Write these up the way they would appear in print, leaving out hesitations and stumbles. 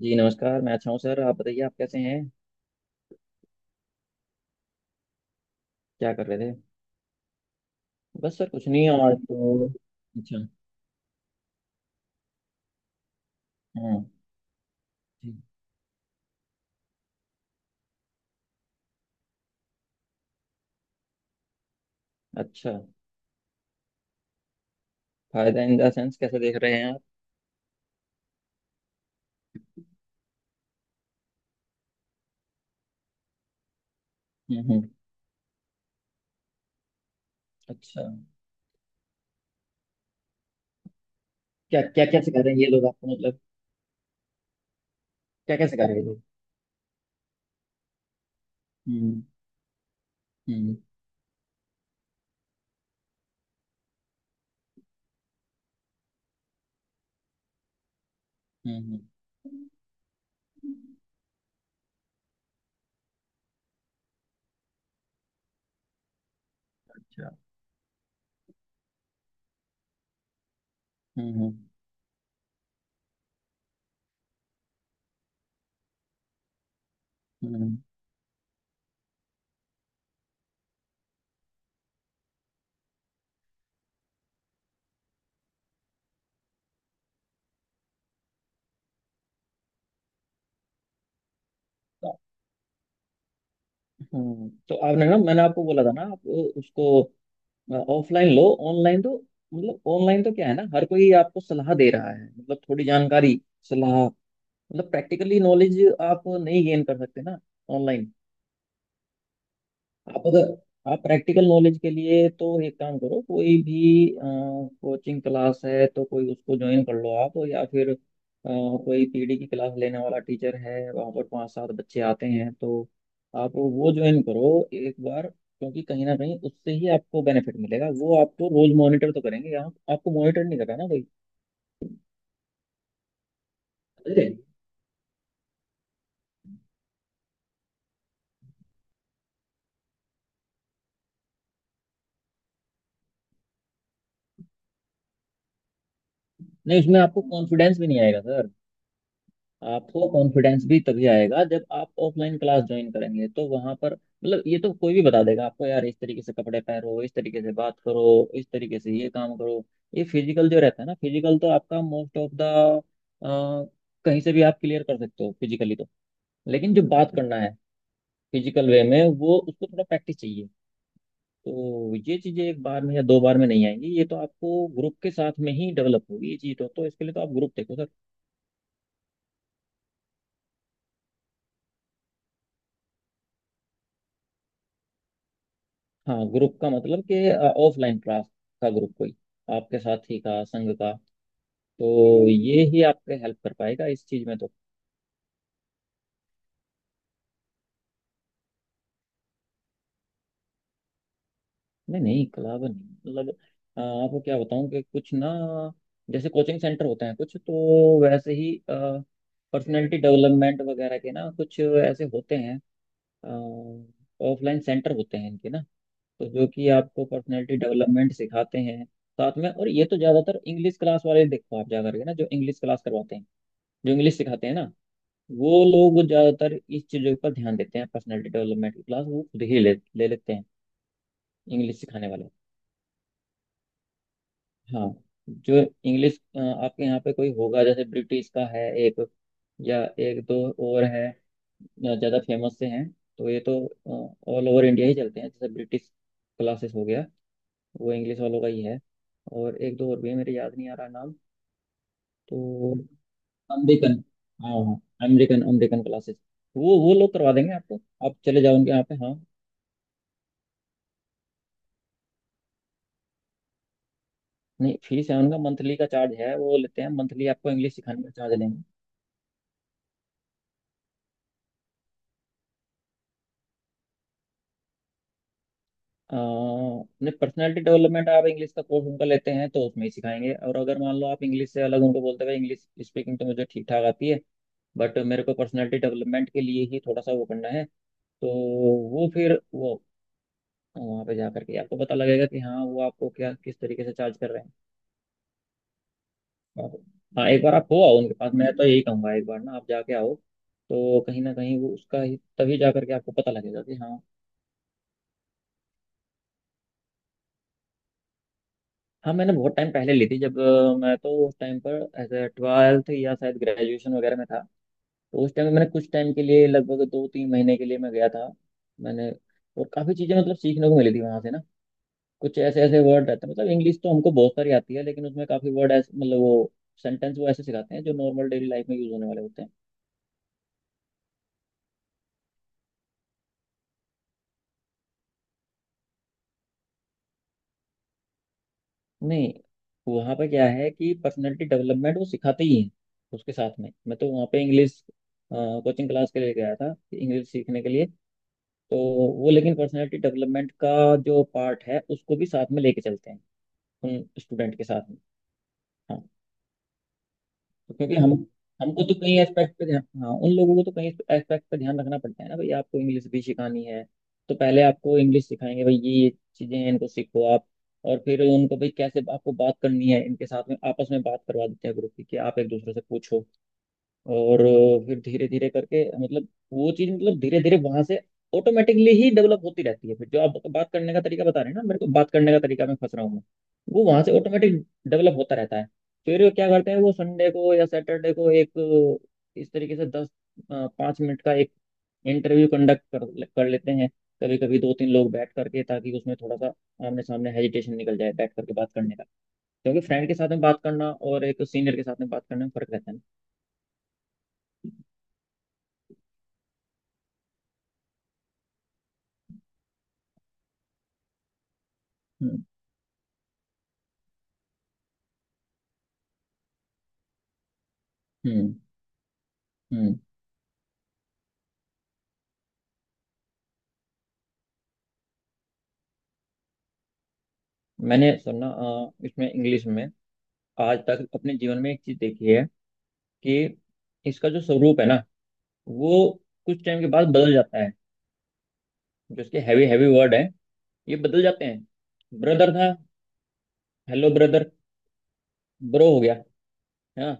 जी नमस्कार। मैं अच्छा हूँ सर, आप बताइए, आप कैसे हैं? क्या कर रहे थे? बस सर कुछ नहीं और, तो अच्छा। हाँ। जी। अच्छा। फायदा इन द सेंस कैसे देख रहे हैं आप? हम्म, हम्म। अच्छा। क्या क्या क्या सिखा रहे हैं ये लोग आपको, मतलब? क्या क्या सिखा रहे हैं ये लोग? हम्म, हम्म। हम्म, हम्म। अच्छा। हम्म, हम्म, हम्म। तो। तो आपने, ना मैंने आपको बोला था ना, आप उसको ऑफलाइन लो। ऑनलाइन तो, मतलब ऑनलाइन तो क्या है ना, हर कोई आपको सलाह दे रहा है, मतलब थोड़ी जानकारी, सलाह। मतलब प्रैक्टिकली नॉलेज आप नहीं गेन कर सकते ना ऑनलाइन। आप अगर, आप प्रैक्टिकल नॉलेज के लिए तो एक काम करो, कोई भी कोचिंग क्लास है तो कोई उसको ज्वाइन कर लो आप, या फिर कोई पीडी की क्लास लेने वाला टीचर है, वहाँ पर 5-7 बच्चे आते हैं, तो आप वो ज्वाइन करो एक बार, क्योंकि कहीं ना कहीं उससे ही आपको बेनिफिट मिलेगा। वो आपको रोज मॉनिटर तो करेंगे, यहाँ आपको मॉनिटर नहीं कर रहा ना कोई। अरे! नहीं, उसमें आपको कॉन्फिडेंस भी नहीं आएगा सर। आपको कॉन्फिडेंस भी तभी आएगा जब आप ऑफलाइन क्लास ज्वाइन करेंगे, तो वहां पर मतलब ये तो कोई भी बता देगा आपको यार, इस तरीके से कपड़े पहनो, इस तरीके से बात करो, इस तरीके से ये काम करो। ये फिजिकल जो रहता है ना, फिजिकल तो आपका मोस्ट ऑफ द, कहीं से भी आप क्लियर कर सकते हो फिजिकली तो, लेकिन जो बात करना है फिजिकल वे में, वो उसको थोड़ा प्रैक्टिस चाहिए। तो ये चीजें एक बार में या दो बार में नहीं आएंगी, ये तो आपको ग्रुप के साथ में ही डेवलप होगी ये चीज तो इसके लिए तो आप ग्रुप देखो सर। हाँ, ग्रुप का मतलब कि ऑफलाइन क्लास का ग्रुप कोई, आपके साथी का संघ का। तो ये ही आपके हेल्प कर पाएगा इस चीज में तो। नहीं नहीं, क्लब नहीं, मतलब आपको क्या बताऊं कि कुछ ना, जैसे कोचिंग सेंटर होते हैं कुछ, तो वैसे ही पर्सनैलिटी डेवलपमेंट वगैरह के ना कुछ ऐसे होते हैं, ऑफलाइन सेंटर होते हैं इनके ना, तो जो कि आपको पर्सनैलिटी डेवलपमेंट सिखाते हैं साथ में। और ये तो ज्यादातर इंग्लिश क्लास वाले, देखो आप जा करके ना, जो इंग्लिश क्लास करवाते हैं, जो इंग्लिश सिखाते हैं ना, वो लोग ज्यादातर इस चीजों पर ध्यान देते हैं। पर्सनालिटी डेवलपमेंट की क्लास वो खुद ही ले ले लेते हैं, इंग्लिश सिखाने वाले। हाँ, जो इंग्लिश आपके यहाँ पे कोई होगा, जैसे ब्रिटिश का है एक, या एक दो और है, ज्यादा फेमस से हैं, तो ये तो ऑल ओवर इंडिया ही चलते हैं। जैसे ब्रिटिश क्लासेस हो गया, वो इंग्लिश वालों का ही है। और एक दो और भी है, मेरे याद नहीं आ रहा नाम। तो अमेरिकन, हाँ हाँ, अमेरिकन, अमेरिकन क्लासेस, वो लोग करवा देंगे आपको। आप चले जाओ उनके यहाँ पे। हाँ, नहीं फीस है उनका, मंथली का चार्ज है वो लेते हैं, मंथली आपको इंग्लिश सिखाने का चार्ज लेंगे। नहीं, पर्सनैलिटी डेवलपमेंट, आप इंग्लिश का कोर्स उनका लेते हैं तो उसमें ही सिखाएंगे। और अगर मान लो आप इंग्लिश से अलग उनको बोलते हैं इंग्लिश स्पीकिंग तो मुझे ठीक ठाक आती है, बट मेरे को पर्सनैलिटी डेवलपमेंट के लिए ही थोड़ा सा वो करना है, तो वो फिर वो वहाँ पे जा करके आपको पता लगेगा कि हाँ वो आपको क्या किस तरीके से चार्ज कर रहे हैं। आप- हाँ, एक बार आप हो आओ उनके पास। मैं तो यही कहूंगा, एक बार ना आप जाके आओ, तो कहीं ना कहीं वो उसका ही, तभी जा करके आपको पता लगेगा कि हाँ। हाँ, मैंने बहुत टाइम पहले ली थी, जब मैं तो उस टाइम पर एज ए ट्वेल्थ या शायद ग्रेजुएशन वगैरह में था। तो उस टाइम मैंने कुछ टाइम के लिए, लगभग 2-3 महीने के लिए मैं गया था मैंने, और काफ़ी चीज़ें मतलब सीखने को मिली थी वहाँ से ना। कुछ ऐसे ऐसे वर्ड रहते हैं, मतलब इंग्लिश तो हमको बहुत सारी आती है, लेकिन उसमें काफ़ी वर्ड ऐसे, मतलब वो सेंटेंस वो ऐसे सिखाते हैं जो नॉर्मल डेली लाइफ में यूज होने वाले होते हैं। नहीं, वहाँ पे क्या है कि पर्सनैलिटी डेवलपमेंट वो सिखाते ही हैं, उसके साथ में। मैं तो वहाँ पे इंग्लिश कोचिंग क्लास के लिए गया था, इंग्लिश सीखने के लिए, तो वो, लेकिन पर्सनैलिटी डेवलपमेंट का जो पार्ट है, उसको भी साथ में लेके चलते हैं उन स्टूडेंट के साथ में। हाँ, तो क्योंकि हम, हमको तो कई एस्पेक्ट पे ध्यान, हाँ, उन लोगों को तो कई एस्पेक्ट पे ध्यान रखना पड़ता है ना भाई। आपको इंग्लिश भी सिखानी है, तो पहले आपको इंग्लिश सिखाएंगे, भाई ये चीजें हैं, इनको सीखो आप। और फिर उनको, भाई कैसे आपको बात करनी है, इनके साथ में आपस में बात करवा देते हैं ग्रुप की, कि आप एक दूसरे से पूछो। और फिर धीरे धीरे करके, मतलब वो चीज मतलब धीरे धीरे वहां से ऑटोमेटिकली ही डेवलप होती रहती है। फिर जो आप बात करने का तरीका बता रहे हैं ना, मेरे को बात करने का तरीका मैं फंस रहा हूँ मैं, वो वहां से ऑटोमेटिक डेवलप होता रहता है। फिर क्या करते हैं वो, संडे को या सैटरडे को एक इस तरीके से 10-5 मिनट का एक इंटरव्यू कंडक्ट कर कर लेते हैं, कभी कभी 2-3 लोग बैठ करके, ताकि उसमें थोड़ा सा आमने सामने हेजिटेशन निकल जाए बैठ करके बात करने का, क्योंकि फ्रेंड के साथ में बात करना और एक सीनियर के साथ में बात करने में फर्क रहता है ना। हम्म, हम्म, हम्म। मैंने सुना इसमें इंग्लिश में आज तक अपने जीवन में एक चीज देखी है, कि इसका जो स्वरूप है ना, वो कुछ टाइम के बाद बदल जाता है। जो इसके हैवी हैवी वर्ड है, ये बदल जाते हैं। ब्रदर था, हेलो ब्रदर, ब्रो हो गया। है ना।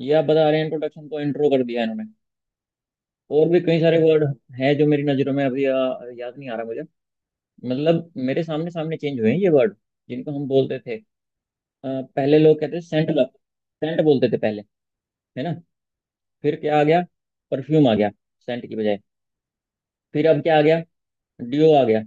ये आप बता रहे हैं, इंट्रोडक्शन को इंट्रो कर दिया इन्होंने। और भी कई सारे वर्ड हैं जो मेरी नजरों में अभी याद नहीं आ रहा मुझे। मतलब मेरे सामने सामने चेंज हुए हैं ये वर्ड जिनको हम बोलते थे। पहले लोग कहते थे, सेंट सेंट बोलते थे पहले, है ना। फिर क्या आ गया? परफ्यूम आ गया सेंट की बजाय। फिर अब क्या आ गया? डियो आ गया।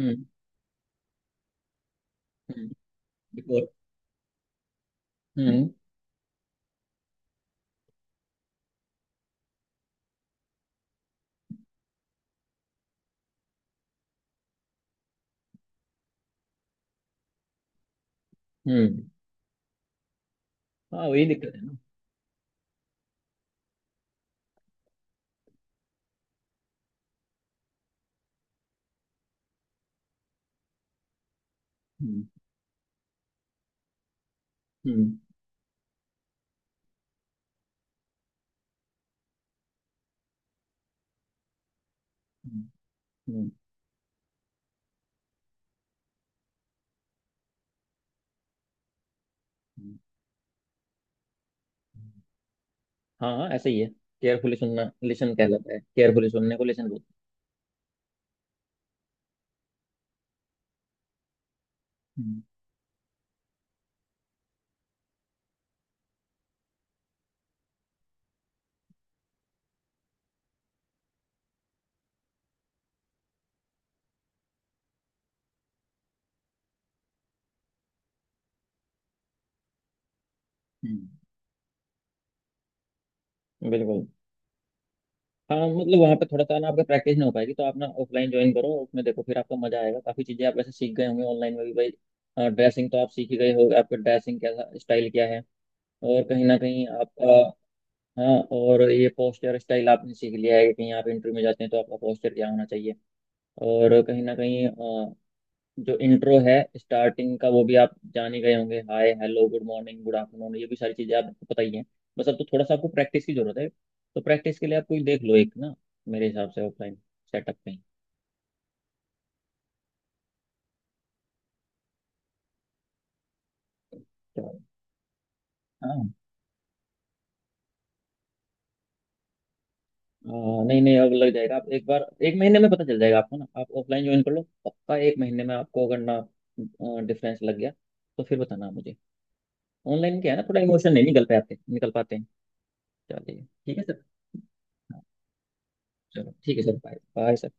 हम्म, हम्म। decor, हम्म, हम्म। हाँ, वही दिक्कत है ना। हम्म, हम्म, हम्म, हम्म। हम्म। हाँ हाँ, ऐसा ही है। केयरफुली सुनना लिसन कहलाता है, केयरफुली सुनने को लिसन बोलते हैं। हम्म, हम्म। बिल्कुल। हाँ, मतलब वहाँ पे थोड़ा सा ना आपका प्रैक्टिस नहीं हो पाएगी, तो आप ना ऑफलाइन ज्वाइन करो, उसमें देखो, फिर आपको मजा आएगा। काफी चीजें आप वैसे सीख गए होंगे ऑनलाइन में भी भाई। ड्रेसिंग तो आप सीख ही गए हो, आपका ड्रेसिंग कैसा स्टाइल क्या है, और कहीं ना कहीं आपका, हाँ, और ये पोस्चर स्टाइल आपने सीख लिया है, कि कहीं आप इंटरव्यू में जाते हैं तो आपका पोस्चर क्या होना चाहिए। और कहीं ना कहीं जो इंट्रो है स्टार्टिंग का, वो भी आप जान ही गए होंगे, hi hello good morning good afternoon, ये भी सारी चीज़ें आपको पता ही हैं। बस अब तो थोड़ा सा आपको प्रैक्टिस की जरूरत है, तो प्रैक्टिस के लिए आप कोई देख लो एक ना, मेरे हिसाब से ऑफलाइन सेटअप कहीं। तो, हाँ। हाँ, नहीं नहीं, अब लग जाएगा। आप एक बार, एक महीने में पता चल जाएगा आपको ना। आप ऑफलाइन ज्वाइन कर लो, पक्का एक महीने में आपको अगर ना डिफरेंस लग गया तो फिर बताना मुझे। ऑनलाइन क्या है ना, थोड़ा इमोशन नहीं निकल पाते हैं। चलिए ठीक है सर। हाँ, चलो ठीक है सर, बाय बाय सर।